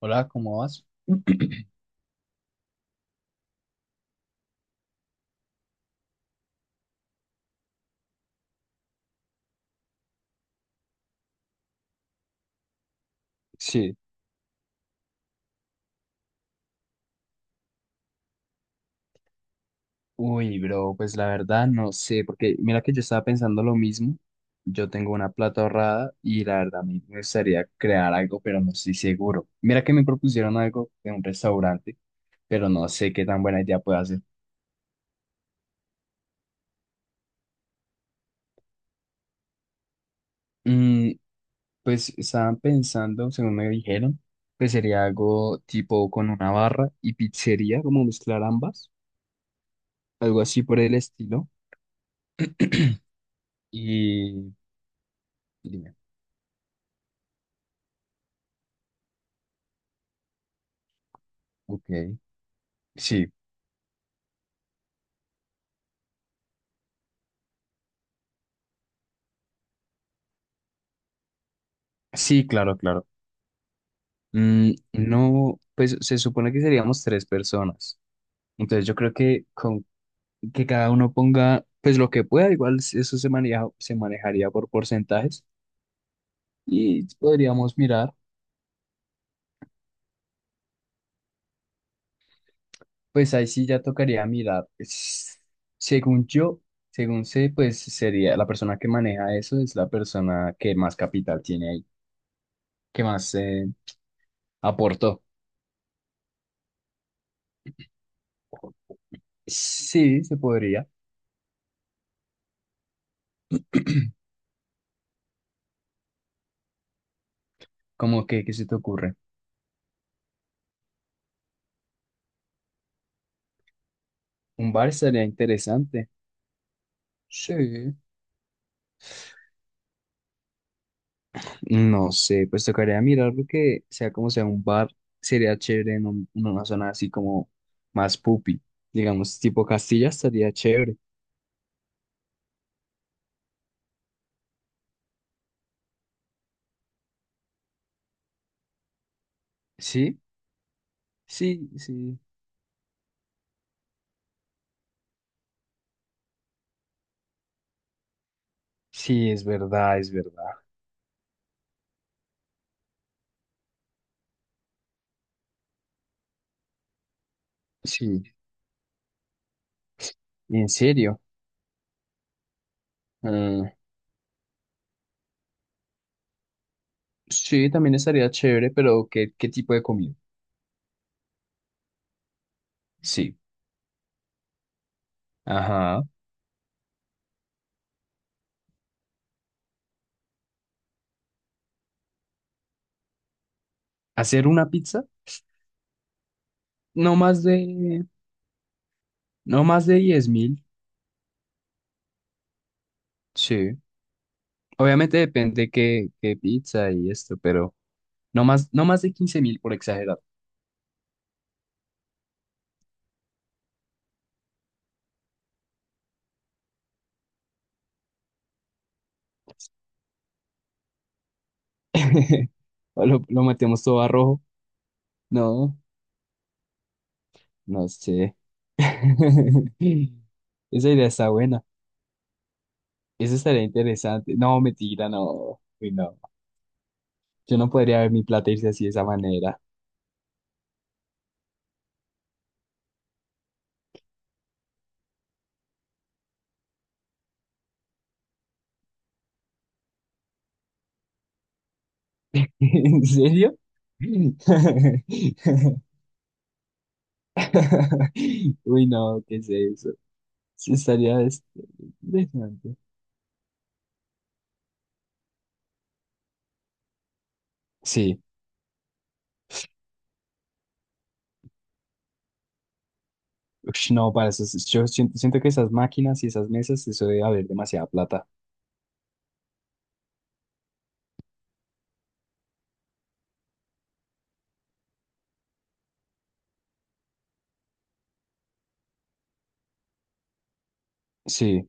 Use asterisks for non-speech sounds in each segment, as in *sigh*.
Hola, ¿cómo vas? Sí. Uy, bro, pues la verdad no sé, porque mira que yo estaba pensando lo mismo. Yo tengo una plata ahorrada y la verdad me gustaría crear algo, pero no estoy seguro. Mira que me propusieron algo de un restaurante, pero no sé qué tan buena idea puede hacer. Mm, pues estaban pensando, según me dijeron, que sería algo tipo con una barra y pizzería, como mezclar ambas, algo así por el estilo. Y dime, ok, sí, sí, claro, claro. No, pues se supone que seríamos tres personas. Entonces yo creo que con que cada uno ponga pues lo que pueda, igual eso se maneja, se manejaría por porcentajes y podríamos mirar, pues ahí sí ya tocaría mirar. Según yo, según sé, pues sería la persona que maneja eso es la persona que más capital tiene ahí, que más aportó. Sí, se podría. Como que, ¿qué se te ocurre? Un bar estaría interesante. Sí. No sé, pues tocaría mirar porque sea como sea un bar, sería chévere en una zona así como más pupi, digamos, tipo Castilla estaría chévere. Sí, sí, sí, sí, es verdad, es verdad. Sí, en serio. Mm, sí, también estaría chévere, pero ¿qué tipo de comida? Sí, ajá. ¿Hacer una pizza? No más de, no más de 10.000. Sí, obviamente depende qué pizza y esto, pero... no más de 15.000 por exagerar. *laughs* O lo metemos todo a rojo. No, no sé. *laughs* Esa idea está buena. Eso estaría interesante. No, mentira, no. Uy, no. Yo no podría ver mi plata irse así de esa manera. *laughs* ¿En serio? *laughs* Uy, no, ¿qué es eso? Sí, estaría interesante. Sí. Ush, no, para eso, siento que esas máquinas y esas mesas, eso debe haber demasiada plata. Sí.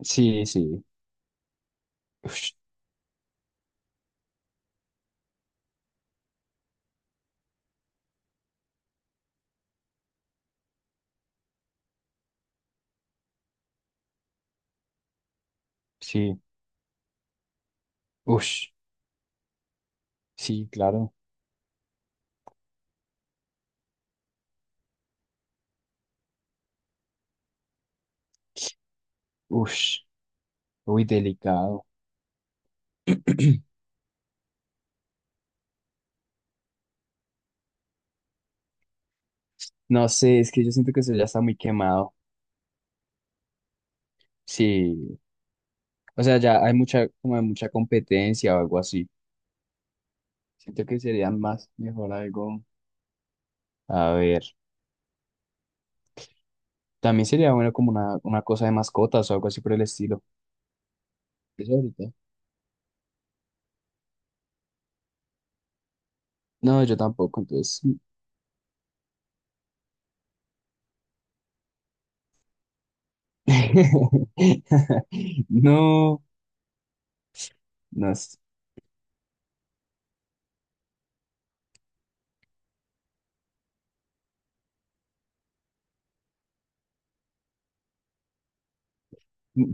Sí, sí. Ush, sí. Ush, sí, claro. Ush, uy, delicado. No sé, es que yo siento que eso ya está muy quemado. Sí. O sea, ya hay mucha, como hay mucha competencia o algo así. Siento que serían mejor algo. A ver. También sería bueno como una cosa de mascotas o algo así por el estilo. Eso ahorita. No, yo tampoco, entonces. *laughs* No, no es.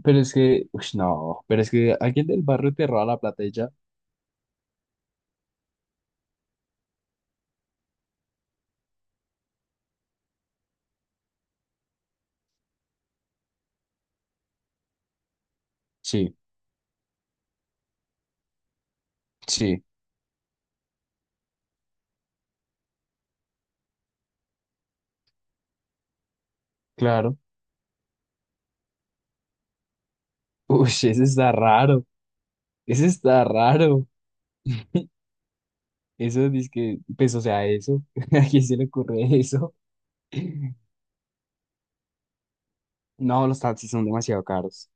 Pero es que, ush, no. Pero es que alguien del barrio te roba la plata y ya. Sí. Sí, claro. *laughs* Uy, ese está raro. Ese está raro. Eso dice que, pues, o sea, eso. *laughs* ¿A quién se le ocurre eso? No, los taxis son demasiado caros.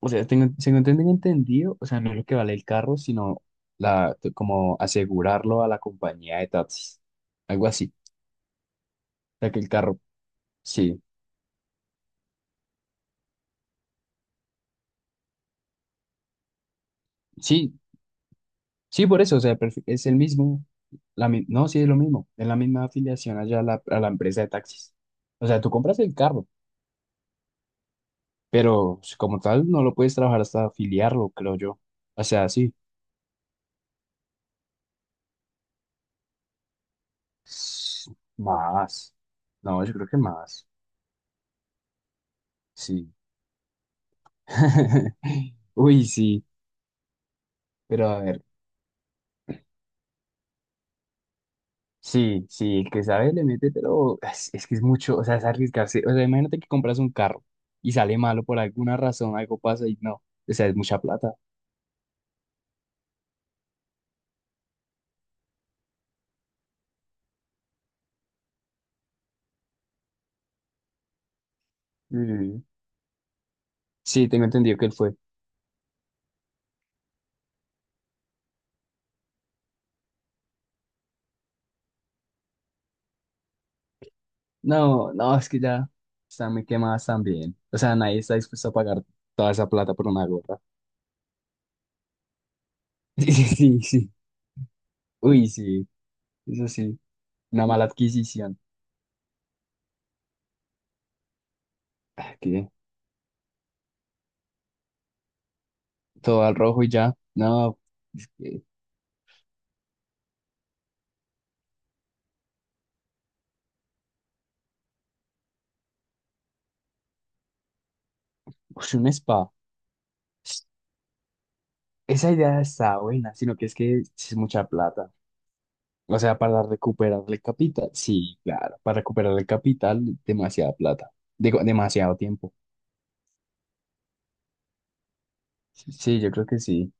O sea, tengo, según tengo entendido, o sea, no es lo que vale el carro, sino como asegurarlo a la compañía de taxis. Algo así. O sea, que el carro, sí. Sí, sí, por eso, o sea, es el mismo. No, sí, es lo mismo. Es la misma afiliación allá a la empresa de taxis. O sea, tú compras el carro. Pero pues, como tal, no lo puedes trabajar hasta afiliarlo, creo yo. O sea, sí. S- Más. No, yo creo que más. Sí. *laughs* Uy, sí. Pero a ver. Sí, sí, el que sabe le mete, pero es que es mucho, o sea, es arriesgarse. O sea, imagínate que compras un carro y sale malo por alguna razón, algo pasa y no. O sea, es mucha plata. Mm. Sí, tengo entendido que él fue. No, no, es que ya están muy quemadas también. O sea, nadie está dispuesto a pagar toda esa plata por una gorra. *laughs* Sí, sí, sí. Uy, sí, eso sí, una mala adquisición. Ah, que todo al rojo y ya. No, es que, ush, un spa. Esa idea está buena, sino que es que sí es mucha plata. O sea, para recuperar el capital, sí, claro, para recuperar el capital, demasiada plata, digo, demasiado tiempo. Sí, yo creo que sí,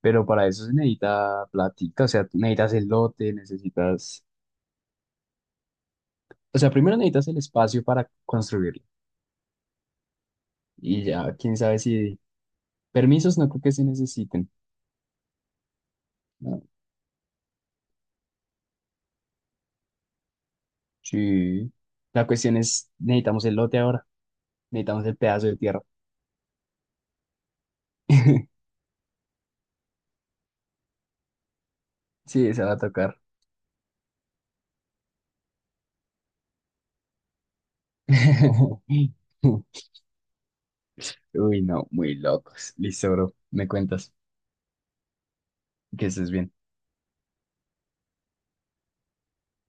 pero para eso se necesita platica, o sea, tú necesitas el lote, necesitas, o sea, primero necesitas el espacio para construirlo y ya, quién sabe si permisos no creo que se necesiten. No, sí. La cuestión es, necesitamos el lote ahora, necesitamos el pedazo de tierra. Sí, se va a tocar. *laughs* Uy, no, muy locos. Listo, bro. Me cuentas que estés bien.